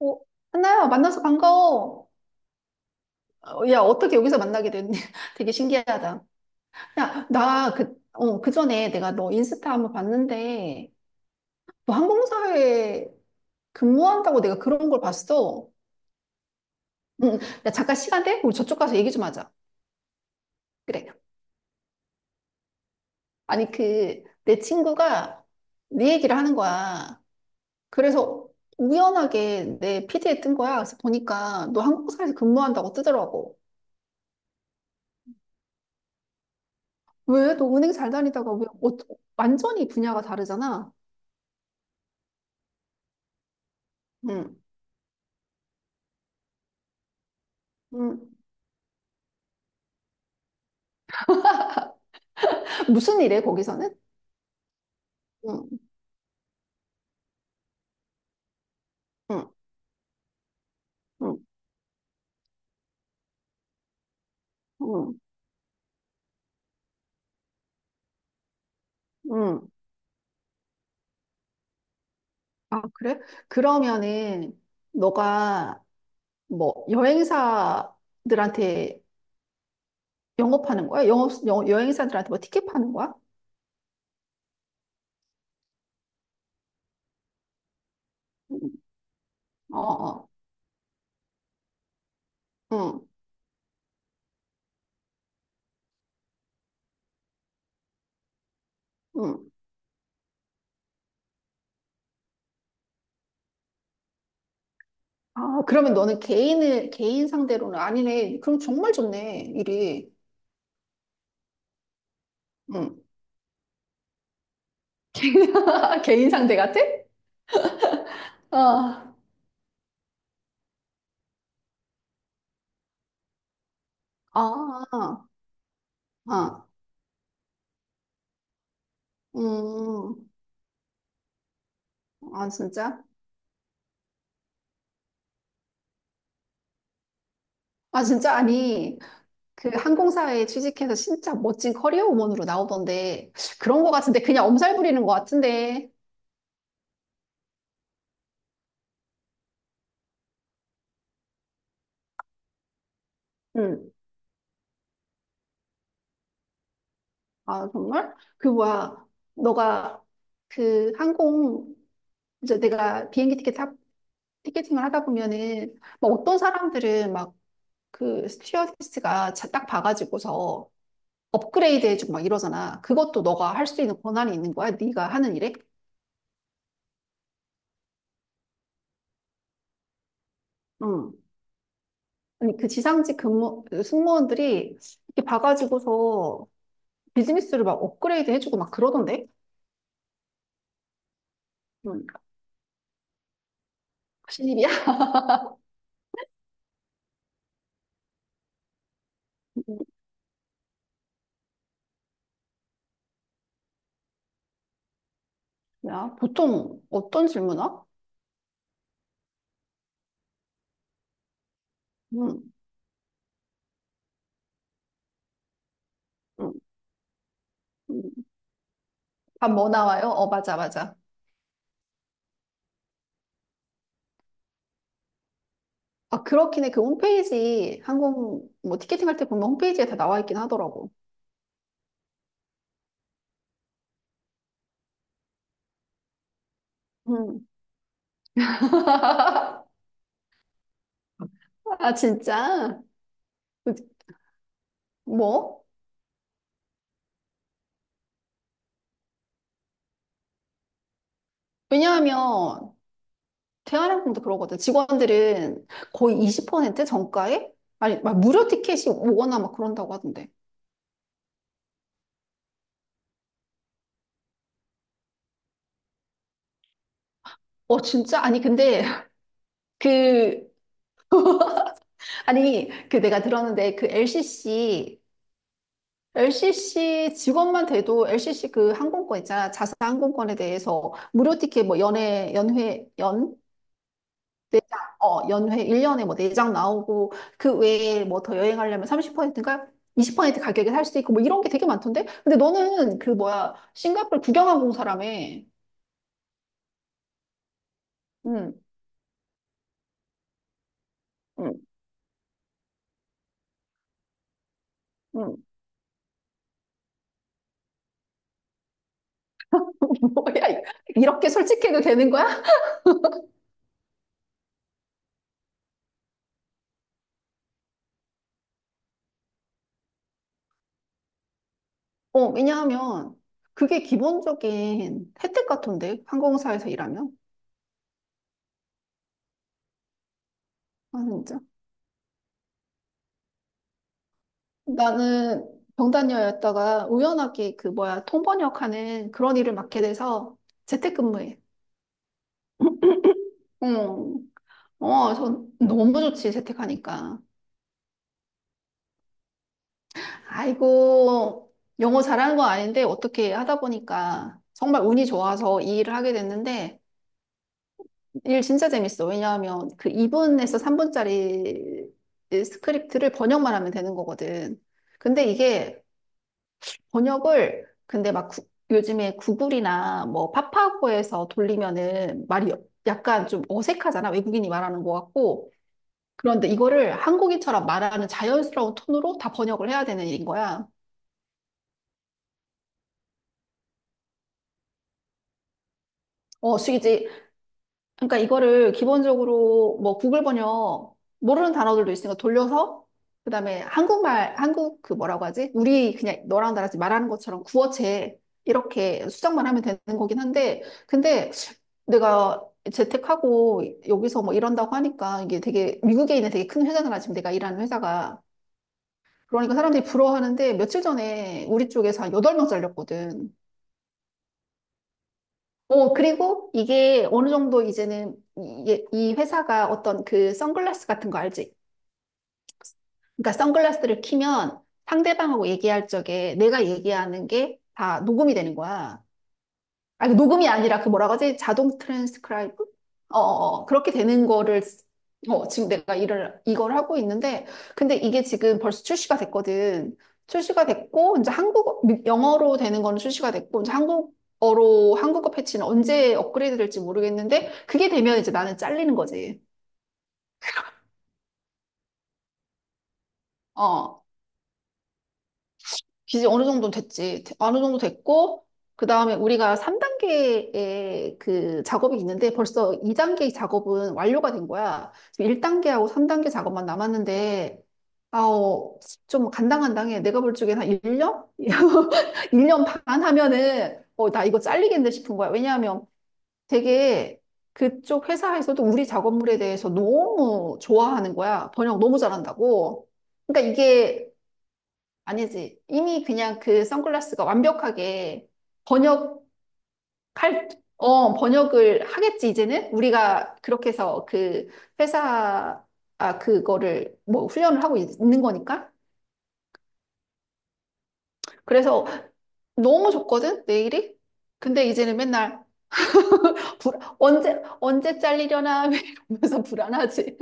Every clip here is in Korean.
어, 하나야, 만나서 반가워. 야, 어떻게 여기서 만나게 됐니? 되게 신기하다. 야, 나 그 전에 내가 너 인스타 한번 봤는데, 너 항공사에 근무한다고 내가 그런 걸 봤어. 응, 응. 야, 잠깐 시간 돼? 우리 저쪽 가서 얘기 좀 하자. 그래. 아니, 그, 내 친구가 네 얘기를 하는 거야. 그래서 우연하게 내 피드에 뜬 거야. 그래서 보니까 너 항공사에서 근무한다고 뜨더라고. 왜? 너 은행 잘 다니다가 왜, 완전히 분야가 다르잖아. 음, 음. 무슨 일해, 거기서는? 음, 음, 음, 음, 음. 아, 그래? 그러면은, 너가 뭐, 여행사들한테 영업하는 거야? 영업, 여행사들한테 뭐 티켓 파는 거야? 음, 어, 어, 응, 응. 아, 그러면 너는 개인 상대로는 아니네. 그럼 정말 좋네, 일이. 응. 개인 상대 같아? 아, 아, 아, 음, 아, 진짜? 아, 진짜? 아니, 그 항공사에 취직해서 진짜 멋진 커리어 우먼으로 나오던데 그런 거 같은데 그냥 엄살 부리는 거 같은데. 응. 아, 정말 그 뭐야. 너가 그 항공 이제 내가 비행기 티켓 티켓팅을 하다 보면은 막 어떤 사람들은 막 그 스튜어디스가 딱 봐가지고서 업그레이드 해주고 막 이러잖아. 그것도 너가 할 수 있는 권한이 있는 거야, 네가 하는 일에? 응. 아니, 그 지상직 근무 그 승무원들이 이렇게 봐가지고서 비즈니스를 막 업그레이드 해주고 막 그러던데? 음, 신입이야? 야, 보통 어떤 질문아? 음, 음, 음. 밥뭐 나와요? 어, 맞아, 맞아. 아, 그렇긴 해. 그 홈페이지, 항공, 뭐, 티켓팅 할 때 보면 홈페이지에 다 나와 있긴 하더라고. 음. 아, 진짜? 뭐? 왜냐하면, 대한항공도 그러거든. 직원들은 거의 20% 정가에? 아니, 막 무료 티켓이 오거나 막 그런다고 하던데. 어, 진짜? 아니, 근데, 그, 아니, 내가 들었는데 그 LCC 직원만 돼도 LCC 그 항공권 있잖아. 자사 항공권에 대해서 무료 티켓 뭐 연회, 연회, 연? 네장. 연회 1년에 뭐 네장 나오고 그 외에 뭐 더 여행하려면 30%인가? 20% 가격에 살 수도 있고 뭐 이런 게 되게 많던데? 근데 너는 그 뭐야, 싱가포르 구경항공 사람에. 음, 음, 음. 뭐야, 이렇게 솔직해도 되는 거야? 왜냐하면 그게 기본적인 혜택 같은데, 항공사에서 일하면. 아, 진짜. 나는 병단녀였다가 우연하게 그 뭐야, 통번역하는 그런 일을 맡게 돼서 재택근무해. 응. 전 너무 좋지, 재택하니까. 아이고, 영어 잘하는 건 아닌데 어떻게 하다 보니까 정말 운이 좋아서 이 일을 하게 됐는데. 일 진짜 재밌어. 왜냐하면 그 2분에서 3분짜리 스크립트를 번역만 하면 되는 거거든. 근데 이게 번역을 근데 막 요즘에 구글이나 뭐 파파고에서 돌리면은 말이 약간 좀 어색하잖아. 외국인이 말하는 것 같고. 그런데 이거를 한국인처럼 말하는 자연스러운 톤으로 다 번역을 해야 되는 일인 거야. 어, 숙이지. 그러니까 이거를 기본적으로 뭐 구글 번역 모르는 단어들도 있으니까 돌려서 그다음에 한국말 한국 그 뭐라고 하지? 우리 그냥 너랑 나랑 지금 말하는 것처럼 구어체 이렇게 수정만 하면 되는 거긴 한데. 근데 내가 재택하고 여기서 뭐 이런다고 하니까 이게 되게 미국에 있는 되게 큰 회사잖아, 지금 내가 일하는 회사가. 그러니까 사람들이 부러워하는데 며칠 전에 우리 쪽에서 한 8명 잘렸거든. 어, 그리고 이게 어느 정도 이제는 이 회사가 어떤 그 선글라스 같은 거 알지? 그러니까 선글라스를 키면 상대방하고 얘기할 적에 내가 얘기하는 게 다 녹음이 되는 거야. 아니, 녹음이 아니라 그 뭐라 그러지? 자동 트랜스크라이브? 어, 어, 어. 그렇게 되는 거를, 지금 내가 이걸 하고 있는데, 근데 이게 지금 벌써 출시가 됐거든. 출시가 됐고, 이제 한국어, 영어로 되는 거는 출시가 됐고, 이제 한국어 패치는 언제 업그레이드 될지 모르겠는데, 그게 되면 이제 나는 잘리는 거지. 어. 기지 어느 정도 됐지. 어느 정도 됐고, 그 다음에 우리가 3단계의 그 작업이 있는데 벌써 2단계의 작업은 완료가 된 거야. 지금 1단계하고 3단계 작업만 남았는데, 아우, 좀 간당간당해. 내가 볼 적엔 한 1년? 1년 반 하면은, 나 이거 잘리겠네 싶은 거야. 왜냐하면 되게 그쪽 회사에서도 우리 작업물에 대해서 너무 좋아하는 거야. 번역 너무 잘한다고. 그러니까 이게 아니지. 이미 그냥 그 선글라스가 완벽하게 번역할, 번역을 하겠지, 이제는? 우리가 그렇게 해서 회사, 그거를 뭐 훈련을 하고 있는 거니까. 그래서 너무 좋거든, 내일이? 근데 이제는 맨날 불, 언제 잘리려나 이러면서 불안하지.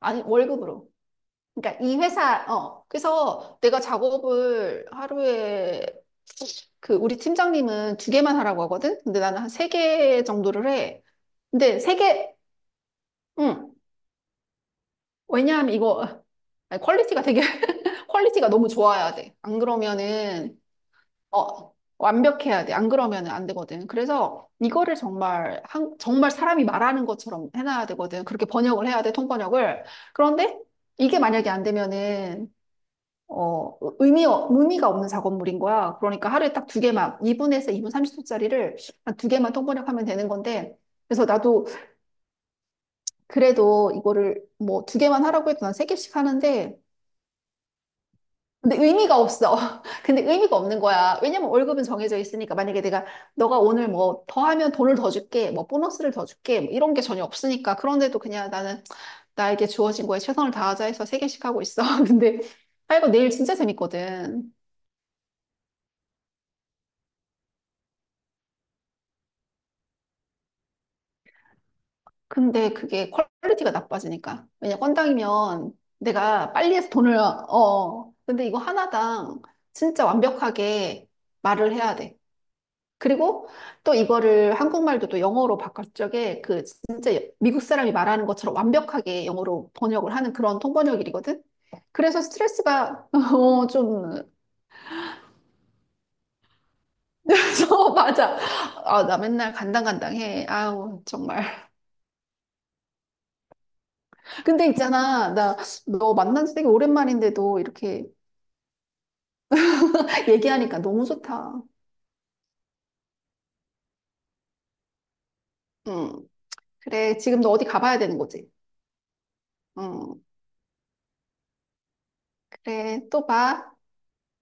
아니, 월급으로. 그러니까 이 회사, 그래서 내가 작업을 하루에 그 우리 팀장님은 두 개만 하라고 하거든? 근데 나는 한 세 개 정도를 해. 근데 세 개, 응. 왜냐하면 이거 아니, 퀄리티가 되게 퀄리티가 너무 좋아야 돼. 안 그러면은. 완벽해야 돼. 안 그러면은 안 되거든. 그래서 이거를 정말 한 정말 사람이 말하는 것처럼 해놔야 되거든. 그렇게 번역을 해야 돼. 통번역을. 그런데 이게 만약에 안 되면은 의미가 없는 작업물인 거야. 그러니까 하루에 딱 두 개만, 2분에서 2분 30초짜리를 한 두 개만 통번역하면 되는 건데, 그래서 나도 그래도 이거를 뭐 두 개만 하라고 해도 난 세 개씩 하는데, 근데 의미가 없어. 근데 의미가 없는 거야. 왜냐면 월급은 정해져 있으니까. 만약에 너가 오늘 뭐 더 하면 돈을 더 줄게, 뭐 보너스를 더 줄게, 뭐 이런 게 전혀 없으니까. 그런데도 그냥 나는 나에게 주어진 거에 최선을 다하자 해서 세 개씩 하고 있어. 근데, 아, 이거 내일 진짜 재밌거든. 근데 그게 퀄리티가 나빠지니까. 왜냐, 건당이면 내가 빨리 해서 돈을. 근데 이거 하나당 진짜 완벽하게 말을 해야 돼. 그리고 또 이거를 한국말도 또 영어로 바꿀 적에 그 진짜 미국 사람이 말하는 것처럼 완벽하게 영어로 번역을 하는 그런 통번역일이거든? 그래서 스트레스가, 좀, 그래서 맞아. 아, 나 맨날 간당간당해. 아우, 정말. 근데 있잖아, 나 너 만난 지 되게 오랜만인데도 이렇게 얘기하니까 너무 좋다. 음, 그래, 지금 너 어디 가봐야 되는 거지? 음, 그래, 또 봐.